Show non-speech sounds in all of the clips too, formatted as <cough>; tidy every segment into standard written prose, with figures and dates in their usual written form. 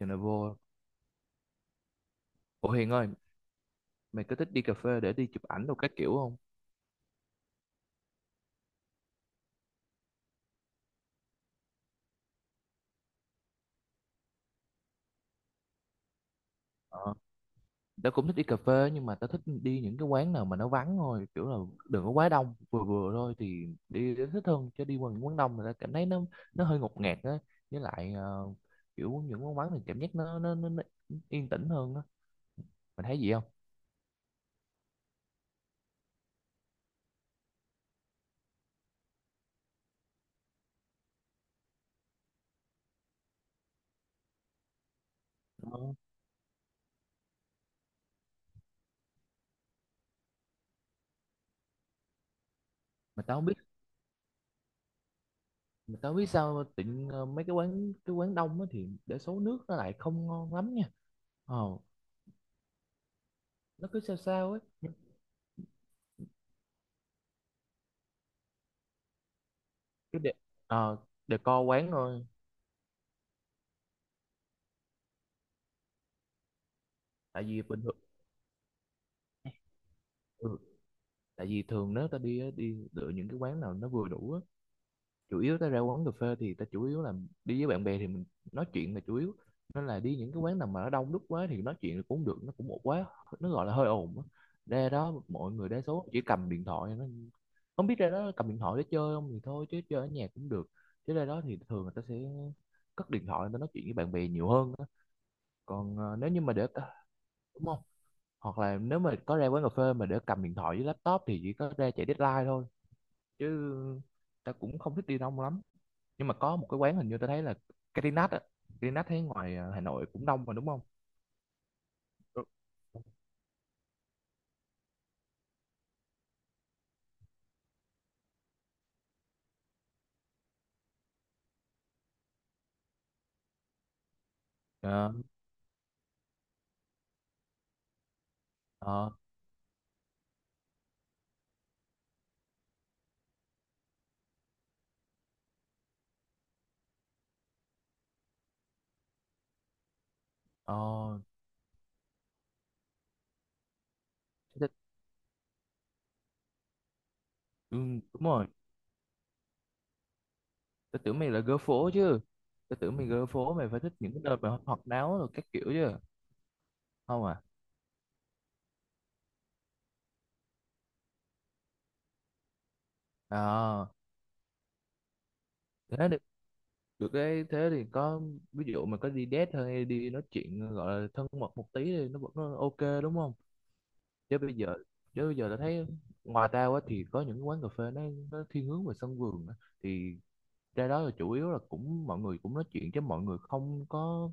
Giờ này vô. Ủa Hiền ơi, mày có thích đi cà phê để đi chụp ảnh đồ các kiểu không? Ờ Tao cũng thích đi cà phê. Nhưng mà tao thích đi những cái quán nào mà nó vắng thôi. Kiểu là đừng có quá đông. Vừa vừa thôi thì đi đến thích hơn. Chứ đi qua những quán đông người ta cảm thấy nó hơi ngột ngạt á. Với lại kiểu những quán vắng thì cảm giác nó yên tĩnh hơn á. Mày thấy gì không? Ờ. Mà tao không biết mà tao không biết sao tự nhiên, mấy cái quán đông á thì để số nước nó lại không ngon lắm nha. Ờ. Nó cứ sao sao ấy. Cái đẹp. Ờ, decor quán thôi. Tại vì bình thường ừ, tại vì thường nếu ta đi á, đi lựa những cái quán nào nó vừa đủ á, chủ yếu ta ra quán cà phê thì ta chủ yếu là đi với bạn bè thì mình nói chuyện là chủ yếu, nên là đi những cái quán nào mà nó đông đúc quá thì nói chuyện cũng được nó cũng một quá, nó gọi là hơi ồn á. Ra đó mọi người đa số chỉ cầm điện thoại nó không biết ra đó cầm điện thoại để chơi không thì thôi, chứ chơi ở nhà cũng được, chứ ra đó thì thường người ta sẽ cất điện thoại người ta nói chuyện với bạn bè nhiều hơn á. Còn nếu như mà để ta đúng. Hoặc là nếu mà có ra quán cà phê mà để cầm điện thoại với laptop thì chỉ có ra chạy deadline thôi. Chứ ta cũng không thích đi đông lắm. Nhưng mà có một cái quán hình như ta thấy là Catinat á. Catinat thấy ngoài Hà Nội cũng đông mà đúng không? Ừ. Ờ. Ờ. Ờ thế- ừ, đúng rồi. Tôi tưởng mày là girl phố chứ. Tôi tưởng mày girl phố mày phải thích những cái nơi mà hoạt náo rồi các kiểu chứ. Không à? Ờ thế được. Được cái thế thì có, ví dụ mà có đi date thôi đi nói chuyện gọi là thân mật một tí thì nó vẫn ok đúng không? chứ bây giờ Chứ bây giờ ta thấy ngoài ra á, thì có những cái quán cà phê nó thiên hướng về sân vườn á. Thì ra đó là chủ yếu là cũng mọi người cũng nói chuyện chứ mọi người không có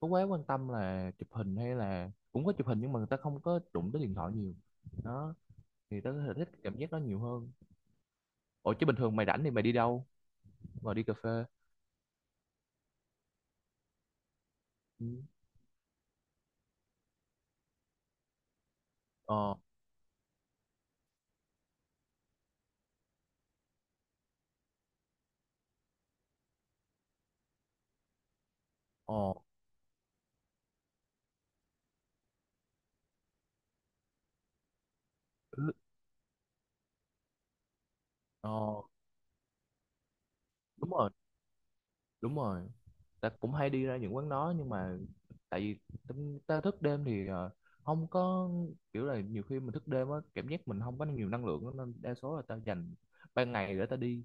có quá quan tâm là chụp hình, hay là cũng có chụp hình nhưng mà người ta không có đụng tới điện thoại nhiều. Đó, thì tớ có thể thích cảm giác đó nhiều hơn. Ủa chứ bình thường mày rảnh thì mày đi đâu? Mày đi cà phê? Ừ. Ờ. Ờ. Ừ. Ờ đúng rồi. Đúng rồi, ta cũng hay đi ra những quán đó nhưng mà tại vì tính- ta thức đêm thì không có, kiểu là nhiều khi mình thức đêm á cảm giác mình không có nhiều năng lượng á, nên đa số là ta dành ban ngày để ta đi,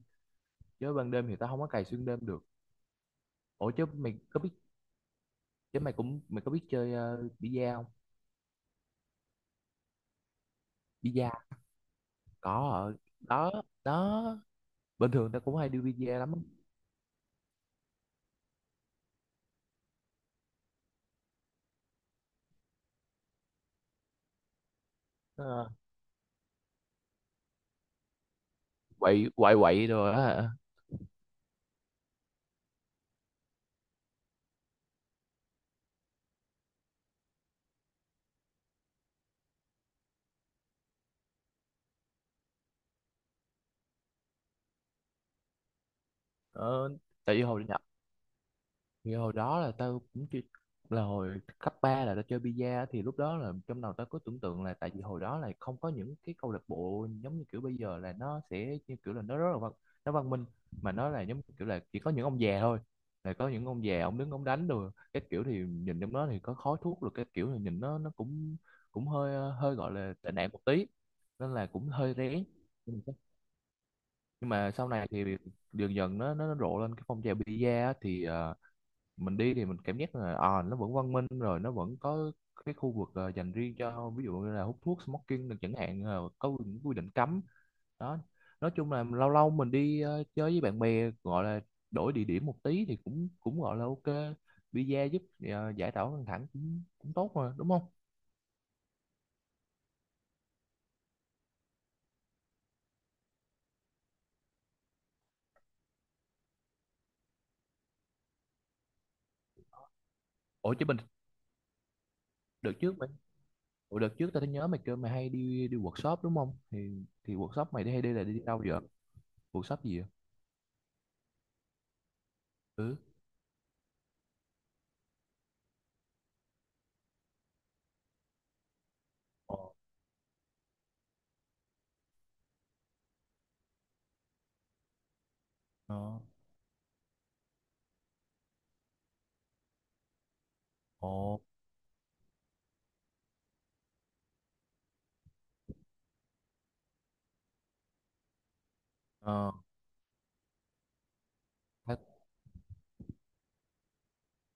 chứ ban đêm thì ta không có cày xuyên đêm được. Ủa chứ mày có biết, chứ mày cũng mày có biết chơi bi-a không? Bi-a có ở đó đó. Bình thường ta cũng hay đi bi-a lắm. Ờ, quậy quậy quậy rồi á hả? ờ, tại vì hồi nhỏ, thì hồi đó là tao cũng chưa, là hồi cấp 3 là tao chơi bi-a á, thì lúc đó là trong đầu tao có tưởng tượng là tại vì hồi đó là không có những cái câu lạc bộ giống như kiểu bây giờ, là nó sẽ như kiểu là nó rất là văn, nó văn minh, mà nó là giống như kiểu là chỉ có những ông già thôi, là có những ông già ông đứng ông đánh rồi cái kiểu thì nhìn trong đó thì có khói thuốc rồi cái kiểu thì nhìn nó cũng cũng hơi hơi gọi là tệ nạn một tí, nên là cũng hơi rén. Nhưng mà sau này thì dần dần nó rộ lên cái phong trào bi-a á, thì mình đi thì mình cảm giác là à, nó vẫn văn minh rồi nó vẫn có cái khu vực dành riêng cho ví dụ như là hút thuốc smoking được chẳng hạn, có những quy định cấm. Đó, nói chung là lâu lâu mình đi chơi với bạn bè gọi là đổi địa điểm một tí thì cũng cũng gọi là ok. Visa giúp giải tỏa căng thẳng cũng cũng tốt mà đúng không? Ủa chứ mình, đợt trước mình, ủa đợt trước tao thấy nhớ mày kêu mày hay đi đi workshop đúng không thì workshop mày đi hay đi là đi đâu vậy? Workshop gì vậy? Ừ. Ồ. ờ, ồ. ờ,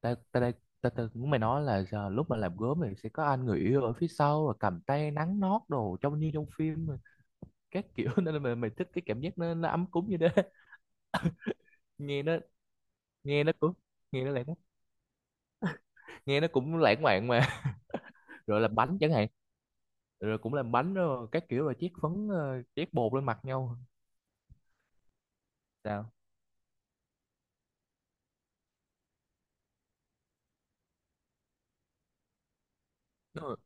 ta ta đây, ta, ta muốn mày nói là giờ, lúc mà làm gốm thì sẽ có anh người yêu ở phía sau rồi cầm tay nắng nót đồ trông như trong phim mà, các kiểu <laughs> nên là mày, mày thích cái cảm giác nó ấm cúng như thế <laughs> nghe nó, nghe nó cũng, nghe nó lãng, nghe nó cũng lãng mạn mà. <laughs> rồi làm bánh chẳng hạn, rồi cũng làm bánh rồi các kiểu rồi chiết phấn chiết bột lên mặt nhau. Sao? Đúng rồi.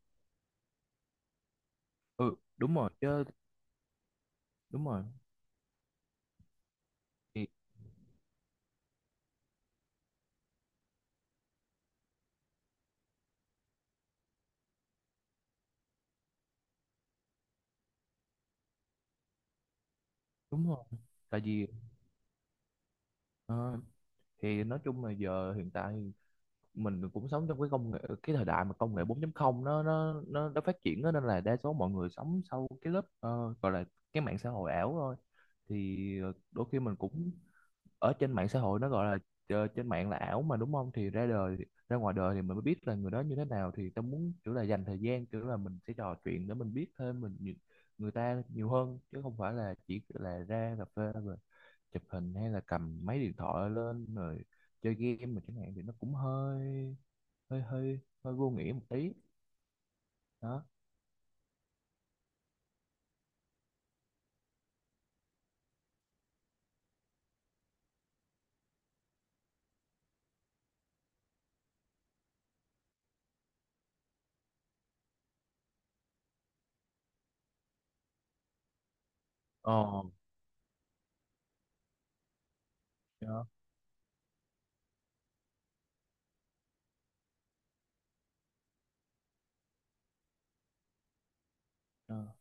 Ừ đúng rồi chứ. Đúng rồi. Thì đúng rồi, tại vì ờ, thì nói chung là giờ hiện tại mình cũng sống trong cái công nghệ cái thời đại mà công nghệ 4 không nó phát triển đó, nên là đa số mọi người sống sau cái lớp gọi là cái mạng xã hội ảo thôi. Thì đôi khi mình cũng ở trên mạng xã hội nó gọi là trên mạng là ảo mà đúng không thì ra đời, ra ngoài đời thì mình mới biết là người đó như thế nào thì tao muốn kiểu là dành thời gian kiểu là mình sẽ trò chuyện để mình biết thêm mình nhiều- người ta nhiều hơn, chứ không phải là chỉ là ra cà phê rồi chụp hình hay là cầm máy điện thoại lên rồi chơi game mà chẳng hạn thì nó cũng hơi hơi hơi hơi vô nghĩa một tí. Đó. Ờ. Đó. Đó.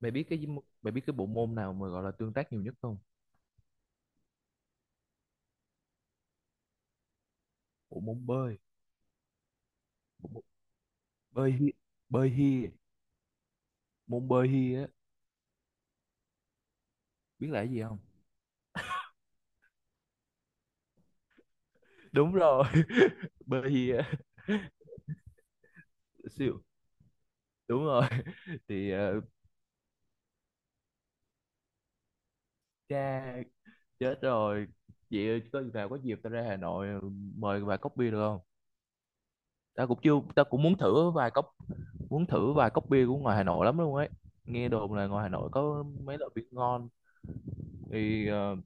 Mày biết cái, mày biết cái bộ môn nào mà gọi là tương tác nhiều nhất không? Bộ môn bơi. Bộ môn bơi hi. Bơi hi. Môn bơi hi á. Biết là cái gì không? Đúng rồi <laughs> bơi hi á, siêu, đúng rồi. <laughs> thì cha, chết rồi. Chị ơi, có gì nào có dịp tao ra Hà Nội mời vài cốc bia được không? Tao cũng chưa, tao cũng muốn thử vài cốc, muốn thử vài cốc bia của ngoài Hà Nội lắm luôn ấy. Nghe đồn là ngoài Hà Nội có mấy loại bia ngon. Thì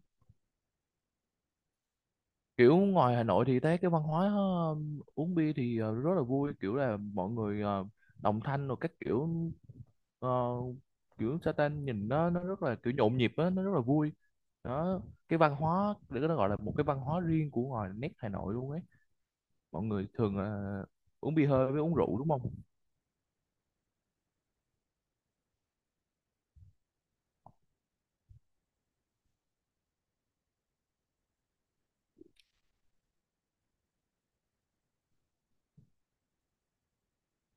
kiểu ngoài Hà Nội thì thấy cái văn hóa uống bia thì rất là vui kiểu là mọi người đồng thanh rồi các kiểu, ờ, kiểu sa, nhìn nó rất là kiểu nhộn nhịp á nó rất là vui. Đó, cái văn hóa để nó gọi là một cái văn hóa riêng của ngoài nét Hà Nội luôn ấy. Mọi người thường là uống bia hơi với uống rượu đúng không?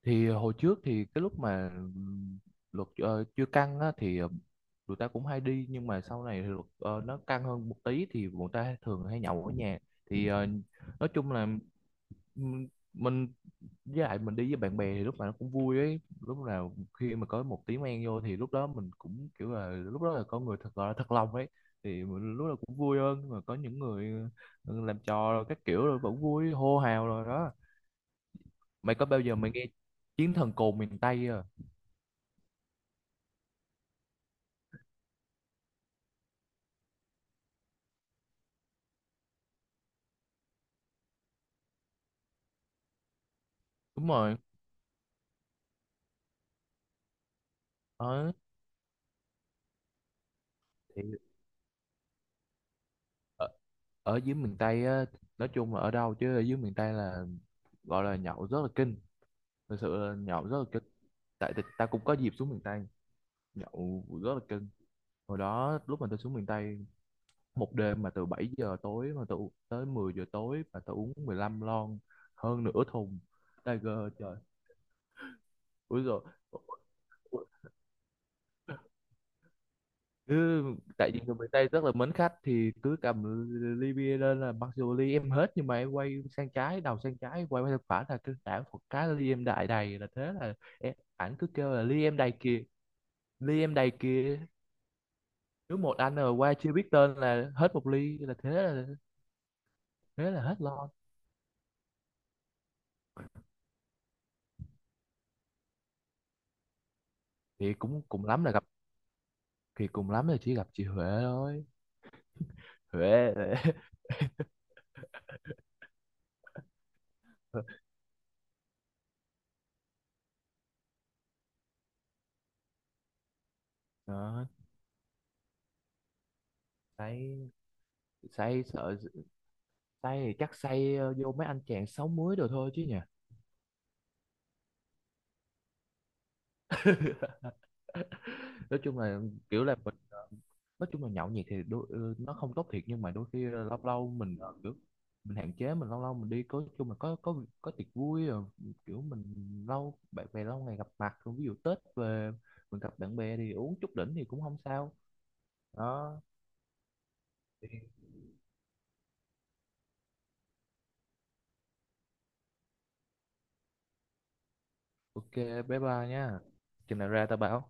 Thì hồi trước thì cái lúc mà luật chưa căng á, thì tụi ta cũng hay đi nhưng mà sau này thì luật nó căng hơn một tí thì bọn ta thường hay nhậu ở nhà. Thì nói chung là ừm, mình, với lại mình đi với bạn bè thì lúc nào nó cũng vui ấy, lúc nào khi mà có một tí men vô thì lúc đó mình cũng kiểu là lúc đó là có người thật gọi là thật lòng ấy thì mình lúc nào cũng vui hơn. Nhưng mà có những người ừ, làm trò rồi các kiểu rồi vẫn vui hô hào rồi. Đó, mày có bao giờ mày nghe chiến thần cồn miền Tây? Đúng rồi. Ở, thì ở, ở dưới miền Tây á, nói chung là ở đâu chứ ở dưới miền Tây là gọi là nhậu rất là kinh, thực sự là nhậu rất là kinh. Tại tại- ta cũng có dịp xuống miền Tây, nhậu rất là kinh. Hồi đó lúc mà tôi xuống miền Tây, một đêm mà từ 7 giờ tối mà tôi u- tới 10 giờ tối mà tôi uống 15 lon, hơn nửa thùng Tiger trời. Ui rồi. Cứ, tại vì người miền Tây rất là mến khách thì cứ cầm ly bia lên là mặc dù ly em hết nhưng mà em quay sang trái đầu sang trái quay qua sang phải là cứ đảo một cái ly em đại đầy là thế là em, ảnh cứ kêu là ly em đầy kìa, ly em đầy kìa. Cứ một anh ở qua chưa biết tên là hết một ly là thế là, thế là hết lon. Thì cũng cùng lắm là gặp, thì cùng lắm là chỉ gặp chị Huệ thôi. Huệ. <laughs> đó, say, say sợ, say thì chắc say vô mấy anh chàng sáu muối đồ thôi chứ nhỉ. <laughs> nói chung là kiểu là mình, nói chung là nhậu nhẹt thì đôi, ừ, nó không tốt thiệt nhưng mà đôi khi lâu lâu mình kiểu mình hạn chế mình lâu lâu mình đi có chung là có tiệc vui rồi kiểu mình lâu bạn bè lâu ngày gặp mặt ví dụ Tết về mình gặp bạn bè thì uống chút đỉnh thì cũng không sao. Đó. Ok, bye bye nha, chừng nào ra tao bảo.